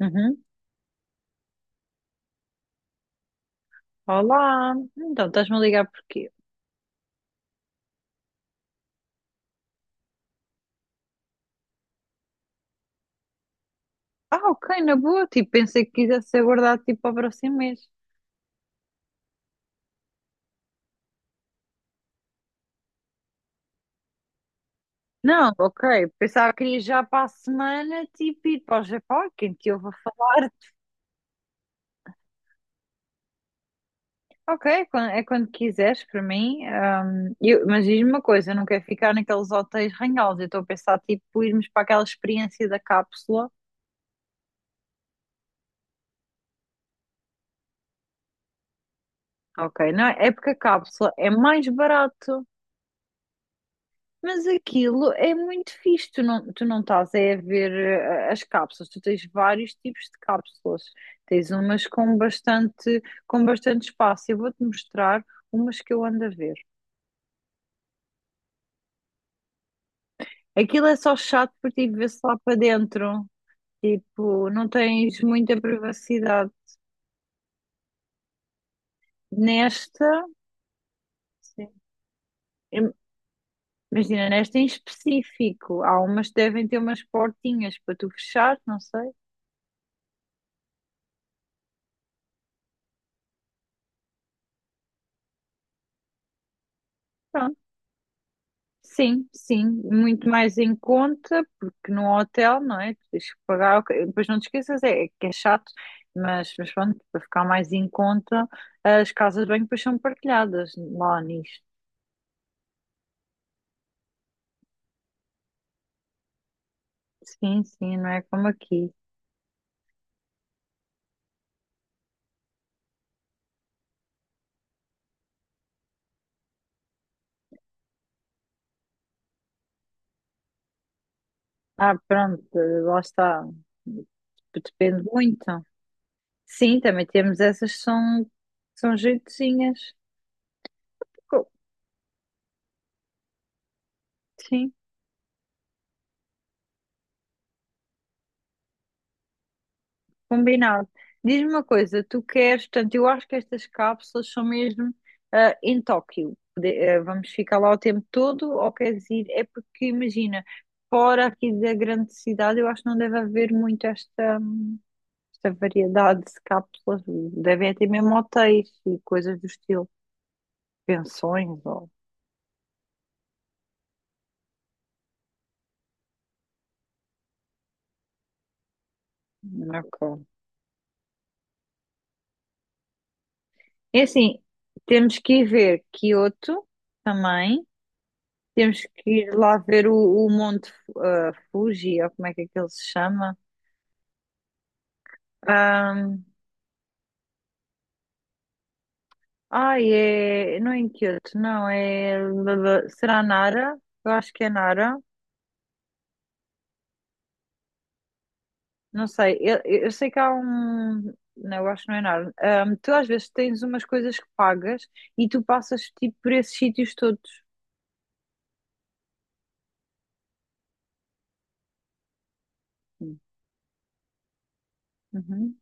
Uhum. Olá, então estás-me a ligar porquê? Ah, ok, na boa, tipo, pensei que quisesse ser guardado tipo para o próximo mês. Não, ok, pensava que queria já para a semana, tipo, ir para o Japão, quem te ouve a falar. Ok, é é quando quiseres para mim. Mas diz-me uma coisa, eu não quero ficar naqueles hotéis ranhosos, eu estou a pensar, tipo, irmos para aquela experiência da cápsula. Ok, não, é porque a cápsula é mais barato. Mas aquilo é muito fixe, tu não estás é a ver as cápsulas, tu tens vários tipos de cápsulas, tens umas com bastante espaço. Eu vou-te mostrar umas que eu ando a ver. Aquilo é só chato por ti ver-se lá para dentro, tipo, não tens muita privacidade. Nesta, sim. im- Imagina, nesta em específico, há umas que devem ter umas portinhas para tu fechar, não sei. Pronto. Sim, sim, muito mais em conta, porque no hotel, não é? Tu tens que pagar, ok, depois não te esqueças, é que é chato, mas pronto, para ficar mais em conta, as casas de banho depois são partilhadas lá nisto. Sim, sim, não é como aqui. Ah, pronto, lá está. Depende muito. Sim, também temos essas que são, são jeitozinhas. Co- Sim. Combinado. Diz-me uma coisa, tu queres, portanto, eu acho que estas cápsulas são mesmo em Tóquio. Vamos ficar lá o tempo todo ou queres ir? É porque imagina, fora aqui da grande cidade, eu acho que não deve haver muito esta, esta variedade de cápsulas. Deve até mesmo hotéis e coisas do estilo, pensões ou. Ok. É assim, temos que ir ver Kyoto também. Temos que ir lá ver o Monte Fuji, ou como é que ele se chama? Ahm, Ai, é. Não é em Kyoto, não, é. Será Nara? Eu acho que é Nara. Não sei, eu sei que há um. Não, eu acho que não é Nara. Tu às vezes tens umas coisas que pagas e tu passas tipo por esses sítios todos. Uhum,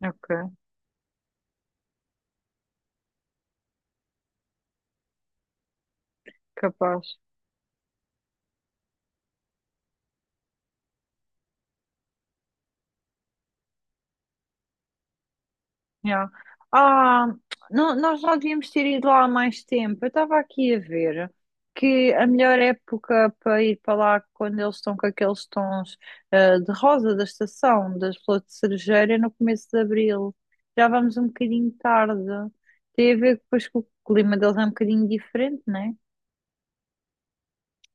ok, capaz. Já. Ah, nós não devíamos ter ido lá há mais tempo. Eu estava aqui a ver que a melhor época para ir para lá quando eles estão com aqueles tons de rosa da estação, das flores de cerejeira, é no começo de abril. Já vamos um bocadinho tarde. Tem a ver depois que o clima deles é um bocadinho diferente, né?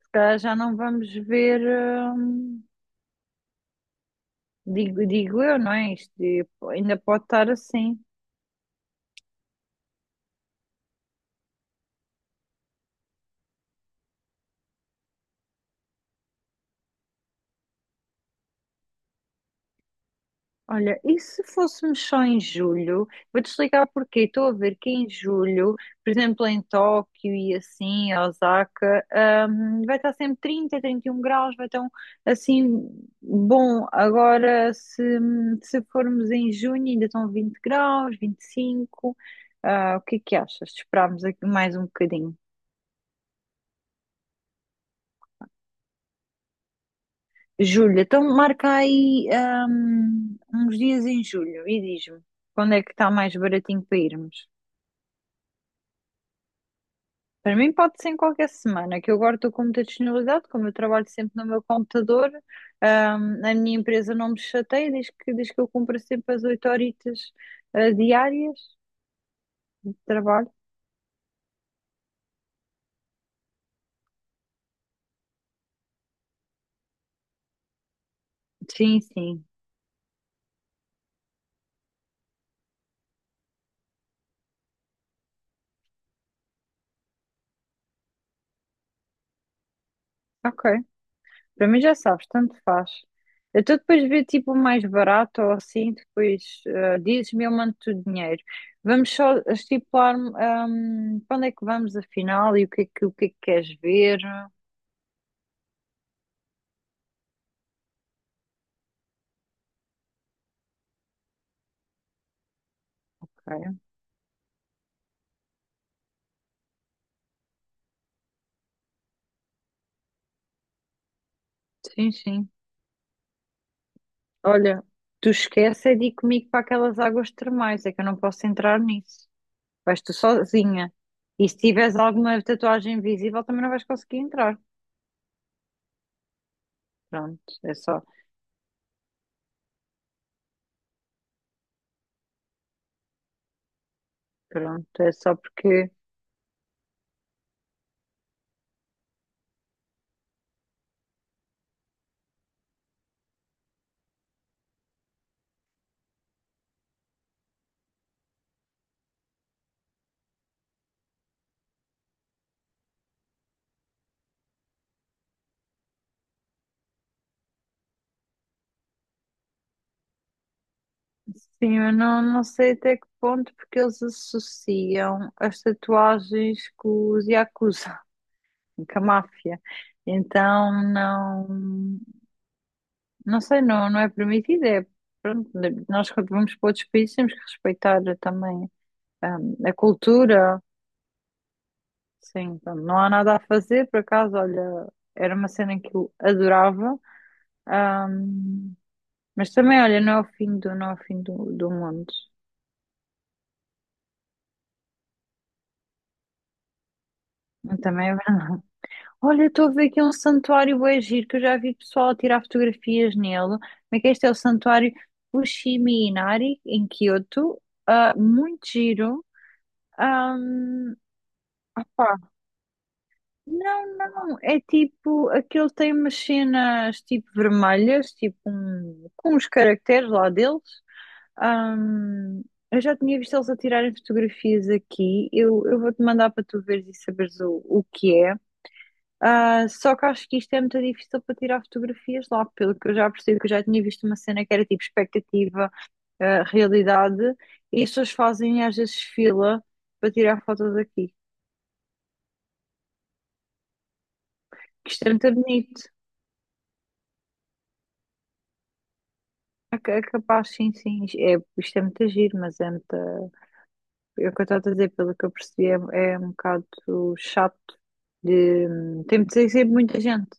Se calhar já não vamos ver, ah, digo, digo eu, não é? Isto ainda pode estar assim. Olha, e se fôssemos só em julho? Vou-te explicar porquê. Estou a ver que em julho, por exemplo, em Tóquio e assim, em Osaka, vai estar sempre trinta trinta e um graus, vai estar assim bom. Agora, se formos em junho, ainda estão 20 graus, 25. Ah, o que é que achas? Esperámos aqui mais um bocadinho. Julho, então marca aí, uns dias em julho e diz-me quando é que está mais baratinho para irmos. Para mim pode ser em qualquer semana, que eu agora estou com muita disponibilidade, como eu trabalho sempre no meu computador, a minha empresa não me chateia, diz que eu cumpro sempre as oito horitas, diárias de trabalho. Sim, sim, ok. Para mim já sabes, tanto faz. Então depois vê tipo o mais barato ou assim, depois dizes-me, eu mando-te o dinheiro. Vamos só estipular, para onde é que vamos afinal e o que é que, o que é que queres ver. Ok, sim, sim. Olha, tu esquece é de ir comigo para aquelas águas termais, é que eu não posso entrar nisso. Vais tu sozinha. E se tiveres alguma tatuagem invisível, também não vais conseguir entrar. Pronto, é só, pronto, é só porque, sim, eu não, não sei até que ponto, porque eles associam as tatuagens com os Yakuza, com a máfia. Então, não, não sei, não, não é permitido, é, pronto, nós quando vamos para outros países temos que respeitar também. A cultura, sim, pronto, não há nada a fazer, por acaso, olha, era uma cena que eu adorava, ahm, mas também, olha, não é o fim do, não é o fim do, do mundo. Também é verdade. Olha, estou a ver aqui um santuário bué giro, que eu já vi pessoal a tirar fotografias nele. Como é que é, este é o santuário Fushimi Inari, em Kyoto? Ah, muito giro. Um, não, não, é tipo, aquele tem umas cenas tipo vermelhas, tipo um, com os caracteres lá deles. Ahm, eu já tinha visto eles a tirarem fotografias aqui. Eu vou-te mandar para tu veres e saberes o que é. Ah, só que acho que isto é muito difícil para tirar fotografias lá, pelo que eu já percebi, que eu já tinha visto uma cena que era tipo expectativa, ah, realidade, e as pessoas fazem às vezes fila para tirar fotos aqui. Que isto é muito bonito. É é capaz, sim, sim. É, isto é muito giro, mas é muito. É o que eu estou a dizer, pelo que eu percebi, é um bocado chato de. Tem de ser sempre muita gente.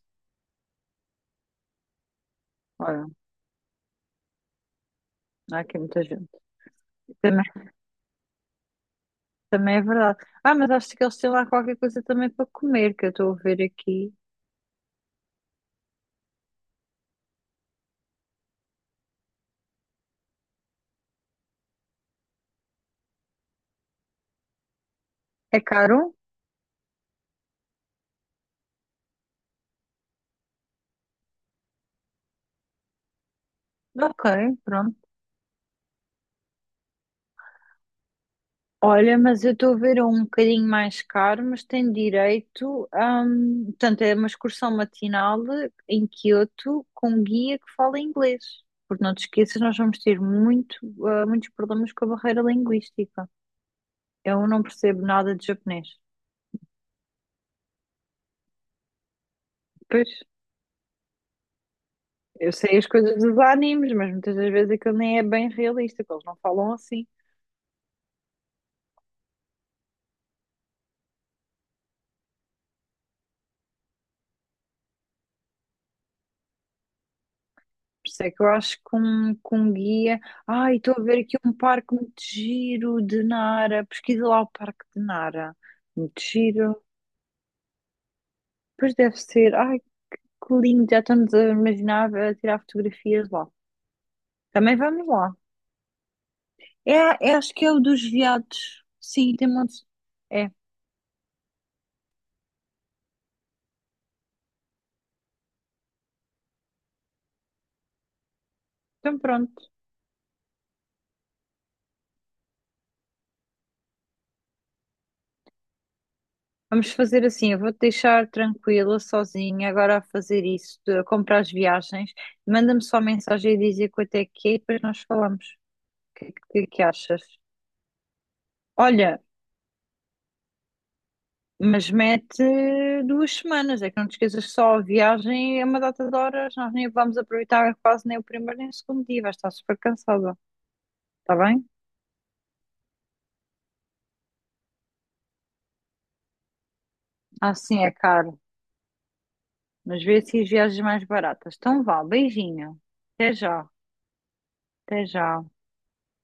Olha, há aqui muita gente. Também, também é verdade. Ah, mas acho que eles têm lá qualquer coisa também para comer, que eu estou a ver aqui. É caro? Ok, pronto. Olha, mas eu estou a ver um bocadinho mais caro, mas tem direito a, portanto, é uma excursão matinal em Quioto com um guia que fala inglês. Porque não te esqueças, nós vamos ter muito, muitos problemas com a barreira linguística. Eu não percebo nada de japonês. Pois, eu sei as coisas dos animes, mas muitas das vezes aquilo nem é bem realista, que eles não falam assim. Por isso é que eu acho que que um guia. Ai, estou a ver aqui um parque muito giro de Nara. Pesquisa lá o parque de Nara. Muito giro. Pois deve ser. Ai, que lindo. Já estamos a imaginar a tirar fotografias lá. Também vamos lá. É, é, acho que é o dos veados. Sim, tem muitos. É, então pronto. Vamos fazer assim. Eu vou-te deixar tranquila, sozinha, agora a fazer isso, a comprar as viagens. Manda-me só mensagem a dizer quanto é que é e depois nós falamos. O que, é que achas? Olha, mas mete duas semanas, é que não te esqueças que só a viagem é uma data de horas, nós nem vamos aproveitar quase nem o primeiro nem o segundo dia, vais estar super cansada, está bem? Ah, sim, é caro, mas vê se as viagens mais baratas. Então vá, beijinho, até já, até já.